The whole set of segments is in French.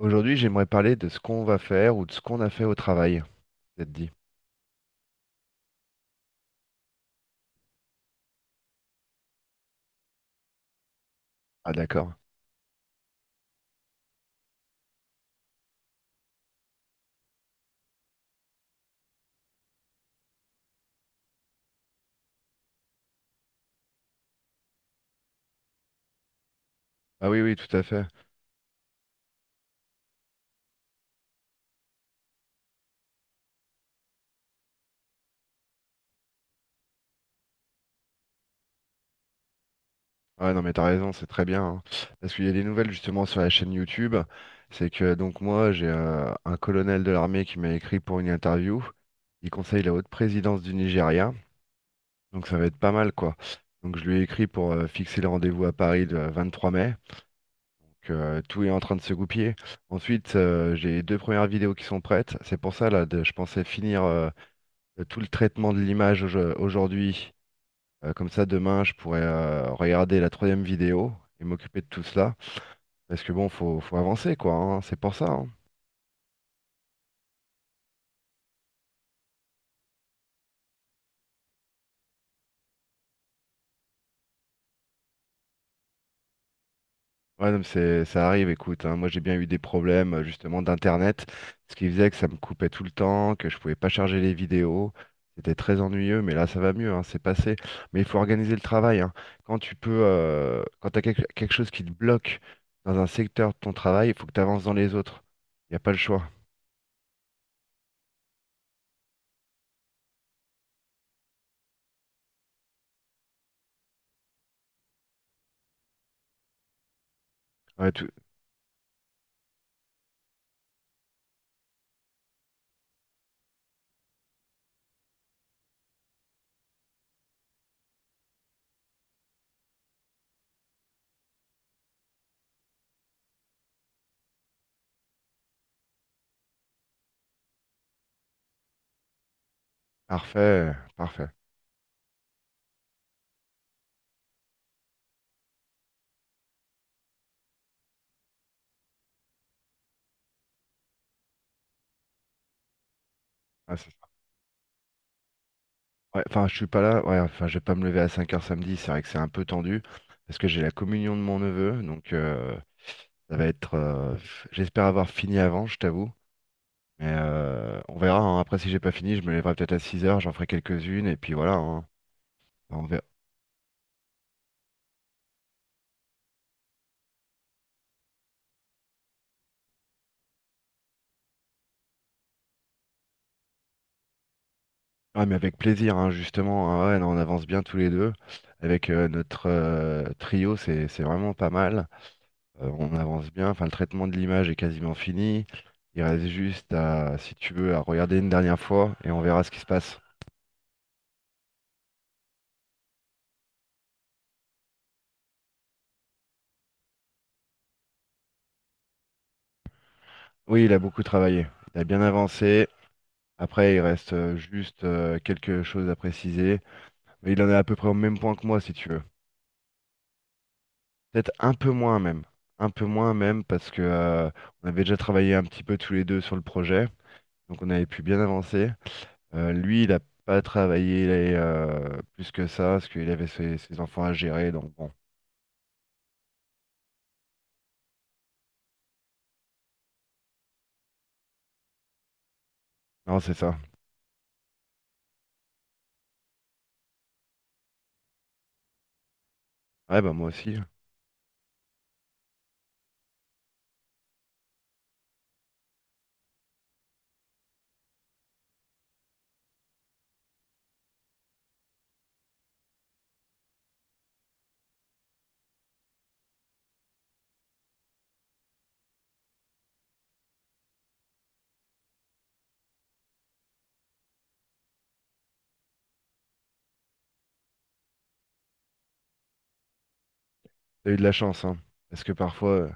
Aujourd'hui, j'aimerais parler de ce qu'on va faire ou de ce qu'on a fait au travail. Ça te dit? Ah d'accord. Ah oui, oui, tout à fait. Ah ouais, non, mais t'as raison, c'est très bien, hein. Parce qu'il y a des nouvelles justement sur la chaîne YouTube. C'est que donc moi, j'ai un colonel de l'armée qui m'a écrit pour une interview. Il conseille la haute présidence du Nigeria. Donc ça va être pas mal, quoi. Donc je lui ai écrit pour fixer le rendez-vous à Paris le 23 mai. Donc tout est en train de se goupiller. Ensuite, j'ai deux premières vidéos qui sont prêtes. C'est pour ça, là, je pensais finir de tout le traitement de l'image aujourd'hui. Comme ça, demain, je pourrais regarder la troisième vidéo et m'occuper de tout cela. Parce que bon, faut avancer, quoi, hein. C'est pour ça, hein. Ouais, non, mais ça arrive, écoute, hein. Moi, j'ai bien eu des problèmes, justement, d'Internet. Ce qui faisait que ça me coupait tout le temps, que je pouvais pas charger les vidéos. C'était très ennuyeux, mais là, ça va mieux, hein. C'est passé. Mais il faut organiser le travail, hein. Quand tu peux, quand t'as quelque chose qui te bloque dans un secteur de ton travail, il faut que tu avances dans les autres. Il n'y a pas le choix. Ouais, parfait, parfait. Ah, c'est ça. Ouais, enfin, je suis pas là. Ouais, enfin, je vais pas me lever à 5h samedi. C'est vrai que c'est un peu tendu parce que j'ai la communion de mon neveu. Donc, ça va être. J'espère avoir fini avant, je t'avoue. Mais on verra, hein. Après, si j'ai pas fini, je me lèverai peut-être à 6h. J'en ferai quelques-unes. Et puis voilà, hein. Enfin, on verra. Ah, mais avec plaisir, hein, justement, hein. Ouais, non, on avance bien tous les deux. Avec notre trio, c'est vraiment pas mal. On avance bien, enfin le traitement de l'image est quasiment fini. Il reste juste à, si tu veux, à regarder une dernière fois et on verra ce qui se passe. Oui, il a beaucoup travaillé, il a bien avancé. Après, il reste juste quelque chose à préciser, mais il en est à peu près au même point que moi, si tu veux. Peut-être un peu moins même, un peu moins même parce que on avait déjà travaillé un petit peu tous les deux sur le projet, donc on avait pu bien avancer. Lui, il a pas travaillé plus que ça parce qu'il avait ses enfants à gérer, donc bon. Non, c'est ça. Ouais, bah moi aussi. T'as eu de la chance, hein. Parce que parfois,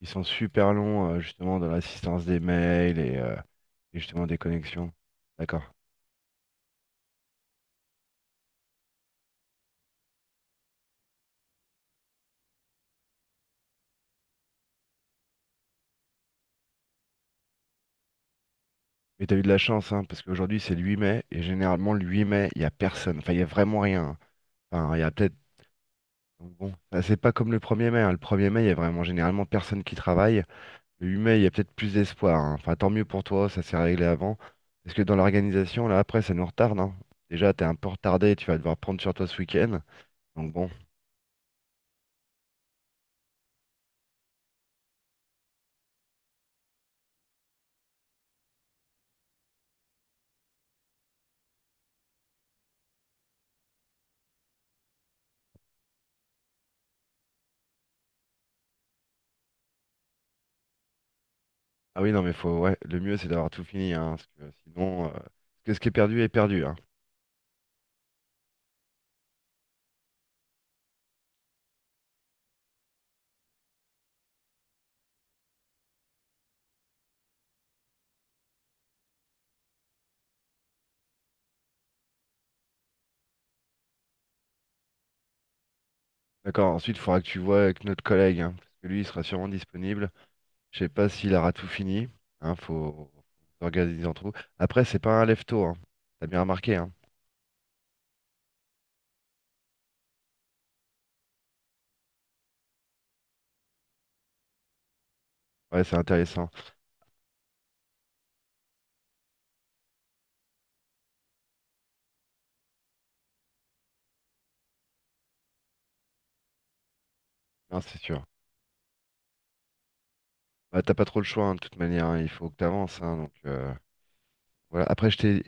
ils sont super longs, justement, dans l'assistance des mails et justement des connexions. D'accord. Mais t'as eu de la chance, hein, parce qu'aujourd'hui, c'est le 8 mai, et généralement, le 8 mai, il n'y a personne. Enfin, il n'y a vraiment rien, hein. Enfin, il y a peut-être. Donc bon, ça, c'est pas comme le premier mai, hein. Le premier mai, il y a vraiment généralement personne qui travaille. Le 8 mai, il y a peut-être plus d'espoir, hein. Enfin, tant mieux pour toi, ça s'est réglé avant. Parce que dans l'organisation, là, après, ça nous retarde, hein. Déjà, t'es un peu retardé, tu vas devoir prendre sur toi ce week-end. Donc bon. Ah oui, non, mais faut, ouais, le mieux c'est d'avoir tout fini, hein, parce que sinon, parce que ce qui est perdu, hein. D'accord, ensuite il faudra que tu vois avec notre collègue, hein, parce que lui il sera sûrement disponible. Je sais pas s'il aura tout fini, hein, faut s'organiser entre vous. Après, c'est pas un lève-tôt, hein. T'as bien remarqué, hein. Ouais, c'est intéressant. Non, c'est sûr. Bah, t'as pas trop le choix, hein, de toute manière, hein, il faut que t'avances, hein, donc voilà. Après,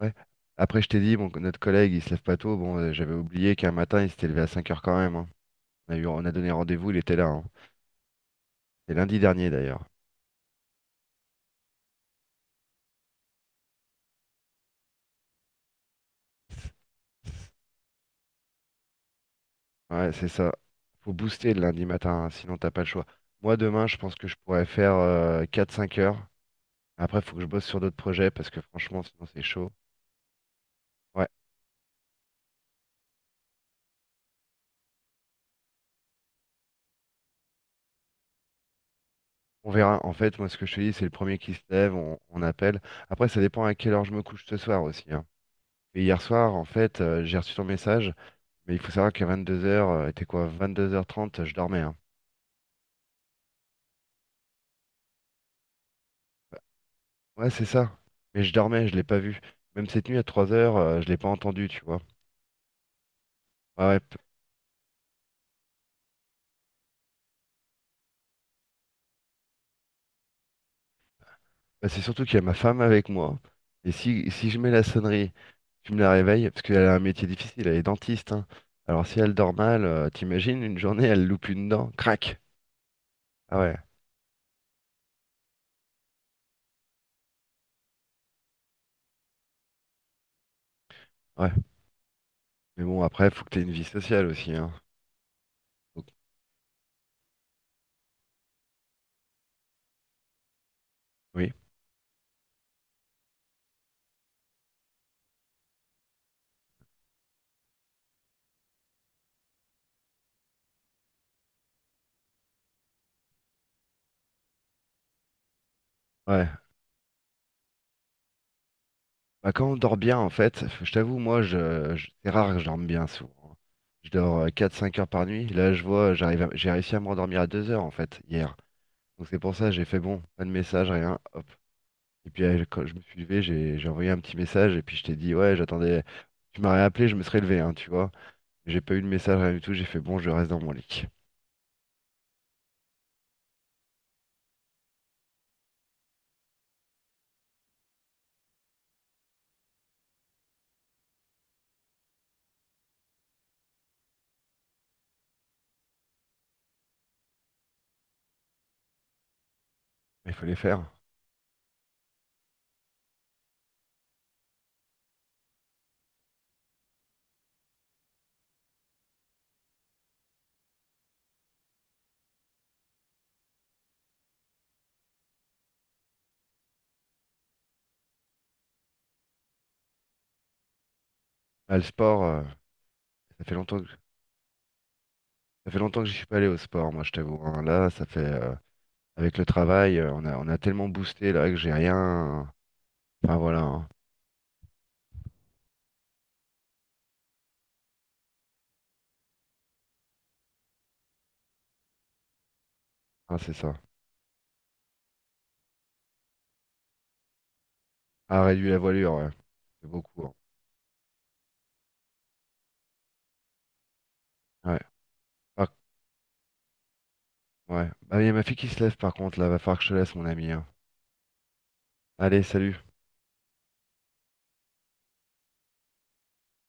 ouais. Après, je t'ai dit, bon, que notre collègue il se lève pas tôt, bon, j'avais oublié qu'un matin il s'était levé à 5h quand même, hein. On a donné rendez-vous, il était là, hein. C'est lundi dernier d'ailleurs. Ouais, c'est ça. Faut booster le lundi matin, hein, sinon t'as pas le choix. Moi demain, je pense que je pourrais faire 4-5 heures. Après, faut que je bosse sur d'autres projets parce que franchement, sinon c'est chaud. Ouais, on verra. En fait, moi ce que je te dis, c'est le premier qui se lève, on appelle. Après, ça dépend à quelle heure je me couche ce soir aussi, hein. Et hier soir, en fait, j'ai reçu ton message, mais il faut savoir qu'à 22h, était quoi, 22h30 je dormais, hein. Bah, ouais, c'est ça. Mais je dormais, je l'ai pas vu. Même cette nuit à 3h, je l'ai pas entendu, tu vois. Ouais, ouais. Bah, c'est surtout qu'il y a ma femme avec moi. Et si je mets la sonnerie, tu me la réveilles, parce qu'elle a un métier difficile, elle est dentiste, hein. Alors si elle dort mal, t'imagines, une journée, elle loupe une dent, crac. Ah ouais, ouais. Mais bon, après, faut que t'aies une vie sociale aussi, hein. Faut que- Oui, ouais. Bah, quand on dort bien, en fait, je t'avoue, moi, c'est rare que je dorme bien souvent, hein. Je dors 4-5 heures par nuit. Là, je vois, j'ai réussi à me rendormir à 2h, en fait, hier. Donc c'est pour ça, j'ai fait bon, pas de message, rien. Hop. Et puis quand je me suis levé, j'ai envoyé un petit message et puis je t'ai dit ouais, j'attendais. Tu m'aurais appelé, je me serais levé, hein, tu vois. J'ai pas eu de message, rien du tout. J'ai fait bon, je reste dans mon lit. Mais il fallait faire. Ah, le sport, ça fait longtemps que ça fait longtemps que je suis pas allé au sport, moi, je t'avoue, hein. Là, ça fait avec le travail, on a tellement boosté là que j'ai rien. Enfin voilà, hein. Ah, c'est ça. Ah, réduit la voilure, ouais. C'est beaucoup, hein. Ouais. Par- ouais. Bah, il y a ma fille qui se lève par contre là. Va falloir que je te laisse, mon ami, hein. Allez, salut.